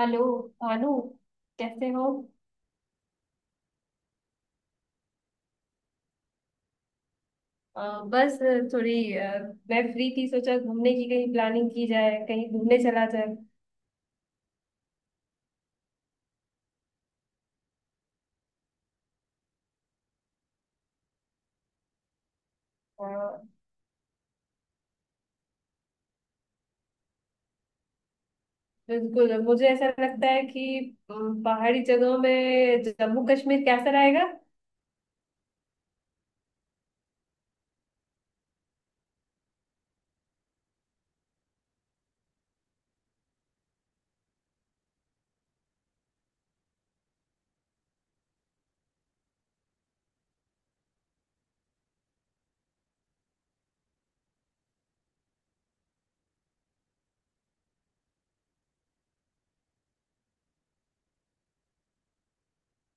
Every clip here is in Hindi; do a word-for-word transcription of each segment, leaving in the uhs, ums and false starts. हेलो भानु। कैसे हो। अ, बस थोड़ी अ, मैं फ्री थी, सोचा घूमने की कहीं प्लानिंग की जाए, कहीं घूमने चला जाए। अ, बिल्कुल, मुझे ऐसा लगता है कि अम, पहाड़ी जगहों में जम्मू कश्मीर कैसा रहेगा।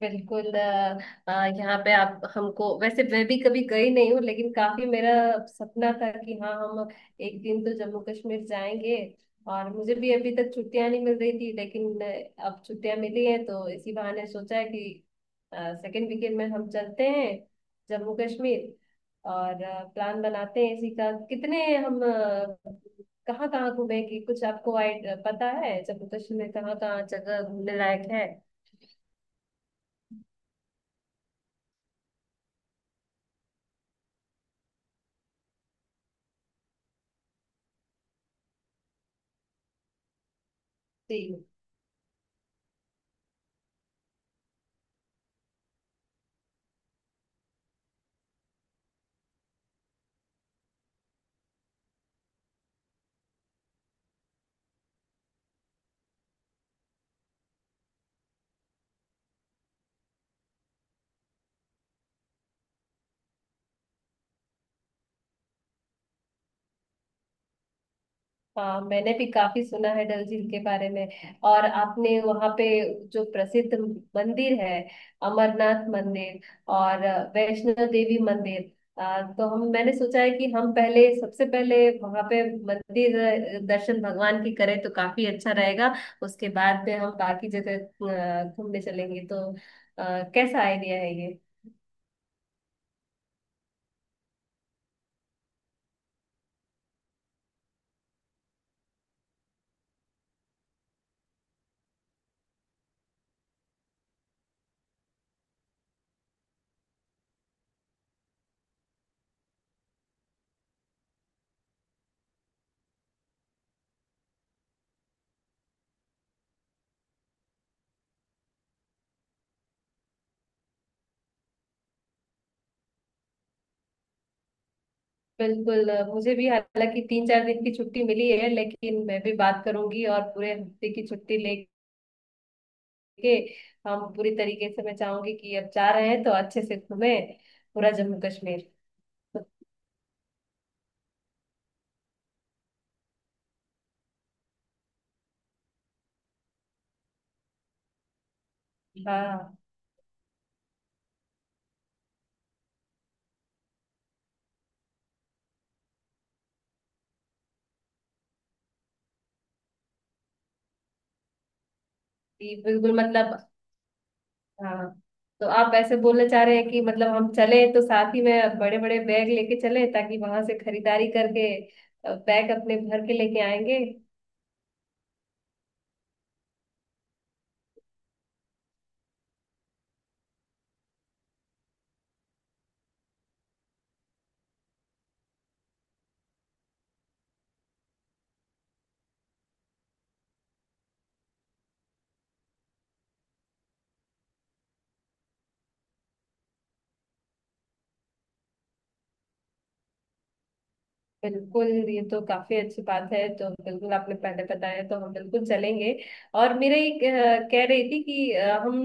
बिल्कुल। अ, अ, यहाँ पे आप हमको, वैसे मैं भी कभी गई नहीं हूँ, लेकिन काफी मेरा सपना था कि हाँ, हम एक दिन तो जम्मू कश्मीर जाएंगे। और मुझे भी अभी तक छुट्टियां नहीं मिल रही थी, लेकिन अ, अब छुट्टियां मिली हैं तो इसी बहाने सोचा है कि सेकेंड वीकेंड में हम चलते हैं जम्मू कश्मीर। और प्लान बनाते हैं इसी का, कितने हम अ, कहाँ कहाँ घूमेंगे, कुछ आपको आइड- पता है जम्मू कश्मीर में कहाँ कहाँ जगह घूमने लायक है। जी। हाँ, मैंने भी काफी सुना है डल झील के बारे में। और आपने वहाँ पे जो प्रसिद्ध मंदिर है, अमरनाथ मंदिर और वैष्णो देवी मंदिर, आ, तो हम मैंने सोचा है कि हम पहले, सबसे पहले वहाँ पे मंदिर दर्शन भगवान की करें तो काफी अच्छा रहेगा। उसके बाद में हम बाकी जगह अ, घूमने चलेंगे तो अ, कैसा आइडिया है ये। बिल्कुल। अ, मुझे भी हालांकि तीन चार दिन की छुट्टी मिली है, लेकिन मैं भी बात करूंगी और पूरे हफ्ते की छुट्टी ले के हम पूरी तरीके से, मैं चाहूंगी कि अब जा रहे हैं तो अच्छे से घूमे पूरा जम्मू कश्मीर। हाँ। ये बिल्कुल, मतलब हाँ, तो आप ऐसे बोलना चाह रहे हैं कि मतलब हम चले तो साथ ही में बड़े बड़े बैग लेके चले ताकि वहां से खरीदारी करके अ, बैग अपने भर के लेके आएंगे। बिल्कुल, ये तो काफी अच्छी बात है, तो बिल्कुल, आपने पहले बताया तो हम बिल्कुल चलेंगे। और मेरा एक अ, कह रही थी कि अ, हम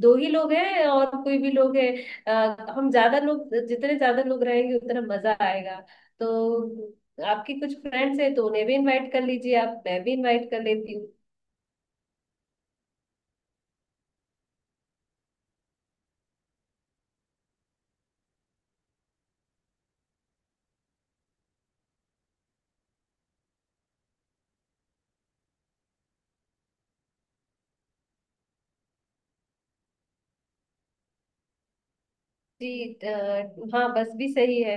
दो ही लोग हैं और कोई भी लोग है, अ, हम ज्यादा लोग, जितने ज्यादा लोग रहेंगे उतना मजा आएगा। तो आपकी कुछ फ्रेंड्स हैं तो उन्हें भी इनवाइट कर लीजिए, आप, मैं भी इनवाइट कर लेती हूँ। जी अ, हाँ, बस भी सही है।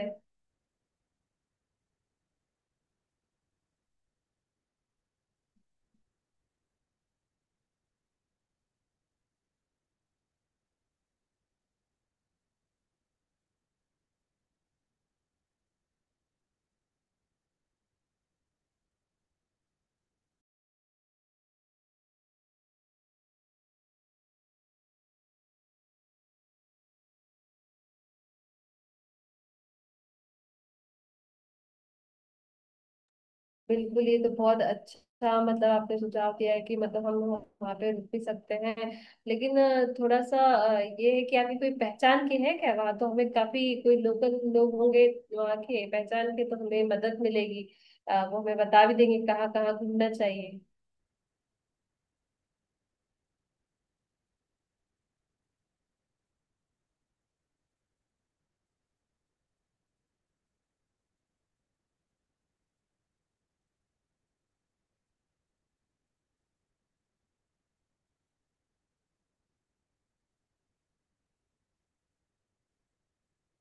बिल्कुल, ये तो बहुत अच्छा, मतलब आपने सुझाव दिया है कि मतलब हम वहाँ पे रुक भी सकते हैं, लेकिन अ, थोड़ा सा अ, ये है कि आपकी कोई पहचान की है क्या वहाँ, तो हमें काफी, कोई लोकल लोग होंगे वहाँ के, पहचान के तो हमें मदद मिलेगी। अ, वो हमें बता भी देंगे कहाँ कहाँ घूमना चाहिए।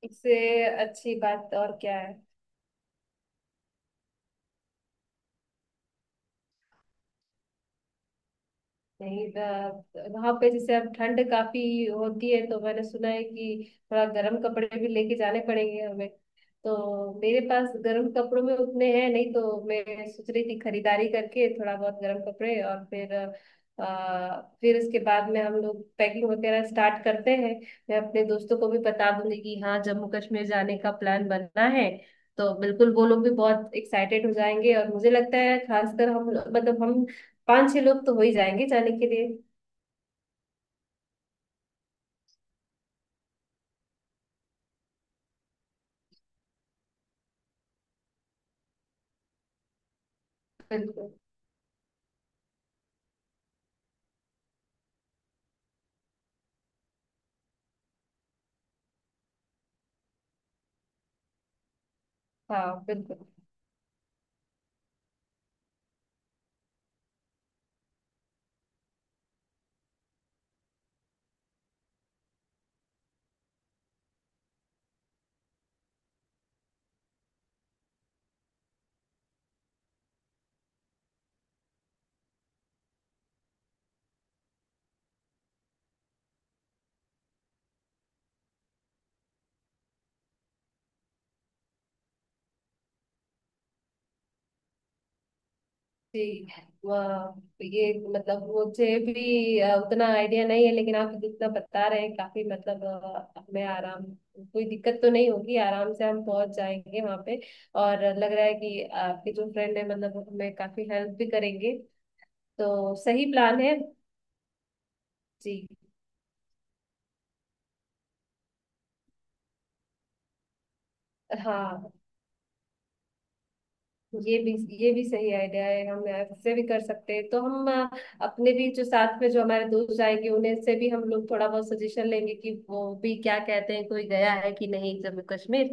इससे अच्छी बात और क्या है। नहीं, वहां पे जैसे अब ठंड काफी होती है, तो मैंने सुना है कि थोड़ा गर्म कपड़े भी लेके जाने पड़ेंगे हमें। तो मेरे पास गर्म कपड़ों में उतने हैं नहीं, तो मैं सोच रही थी खरीदारी करके थोड़ा बहुत गर्म कपड़े, और फिर आ, फिर उसके बाद में हम लोग पैकिंग वगैरह स्टार्ट करते हैं। मैं अपने दोस्तों को भी बता दूंगी कि हाँ, जम्मू कश्मीर जाने का प्लान बनना है, तो बिल्कुल वो लोग भी बहुत एक्साइटेड हो जाएंगे। और मुझे लगता है खासकर हम, मतलब हम पांच छह लोग तो हो ही जाएंगे जाने के लिए। बिल्कुल। हाँ बिल्कुल। ठीक है, वाह, ये मतलब मुझे भी अ, उतना आइडिया नहीं है, लेकिन आप जितना बता रहे हैं काफी, मतलब अ, हमें आराम, कोई दिक्कत तो नहीं होगी, आराम से हम पहुंच जाएंगे वहां पे। और लग रहा है कि आपके जो फ्रेंड है मतलब वो हमें काफी हेल्प भी करेंगे, तो सही प्लान है। जी। हाँ, ये भी, ये भी सही आइडिया है, हम ऐसे भी कर सकते हैं, तो हम अ, अपने भी जो साथ में जो हमारे दोस्त आएंगे उन्हें से भी हम लोग थोड़ा बहुत सजेशन लेंगे कि वो भी क्या कहते हैं, कोई गया है कि नहीं जम्मू कश्मीर,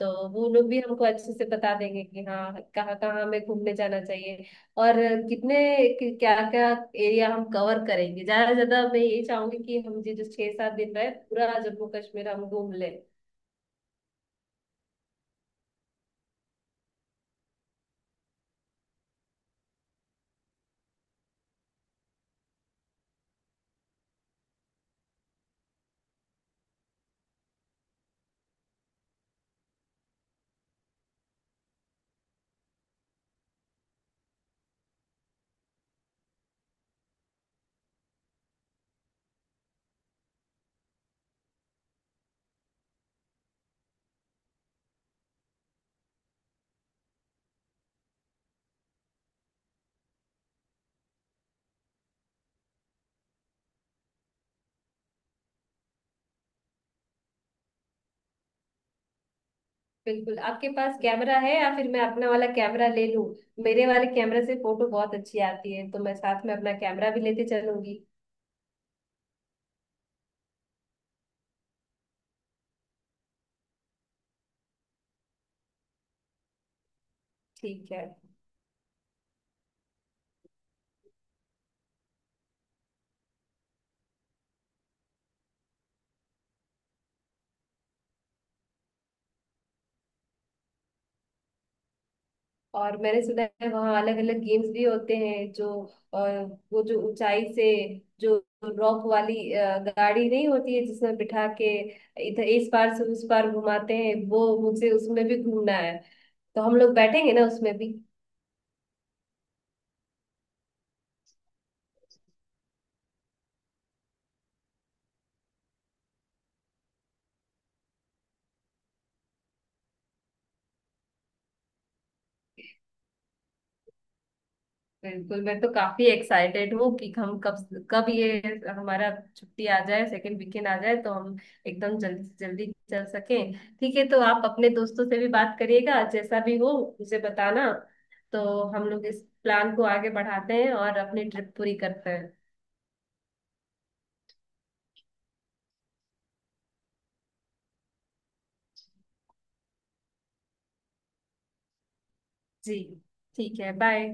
तो वो लोग भी हमको अच्छे से बता देंगे कि हाँ, कहाँ कहाँ हमें घूमने जाना चाहिए। और कितने, क्या क्या एरिया हम कवर करेंगे, ज्यादा से ज्यादा मैं ये चाहूंगी कि हम ये जो छह सात दिन रहे, पूरा जम्मू कश्मीर हम घूम ले। बिल्कुल, आपके पास कैमरा है या फिर मैं अपना वाला कैमरा ले लूं। मेरे वाले कैमरे से फोटो बहुत अच्छी आती है, तो मैं साथ में अपना कैमरा भी लेते चलूंगी। ठीक है। और मैंने सुना है वहाँ अलग अलग गेम्स भी होते हैं जो अ, वो जो ऊंचाई से जो रॉक वाली अ, गाड़ी नहीं होती है जिसमें बिठा के इधर, इस पार से उस पार घुमाते हैं, वो मुझे उसमें भी घूमना है। तो हम लोग बैठेंगे ना उसमें भी। बिल्कुल, मैं तो काफी एक्साइटेड हूँ कि हम कब कब ये हमारा छुट्टी आ जाए, सेकंड वीकेंड आ जाए तो हम एकदम जल्दी से जल्दी चल सकें। ठीक है, तो आप अपने दोस्तों से भी बात करिएगा, जैसा भी हो मुझे बताना, तो हम लोग इस प्लान को आगे बढ़ाते हैं और अपनी ट्रिप पूरी करते हैं। जी ठीक है, बाय।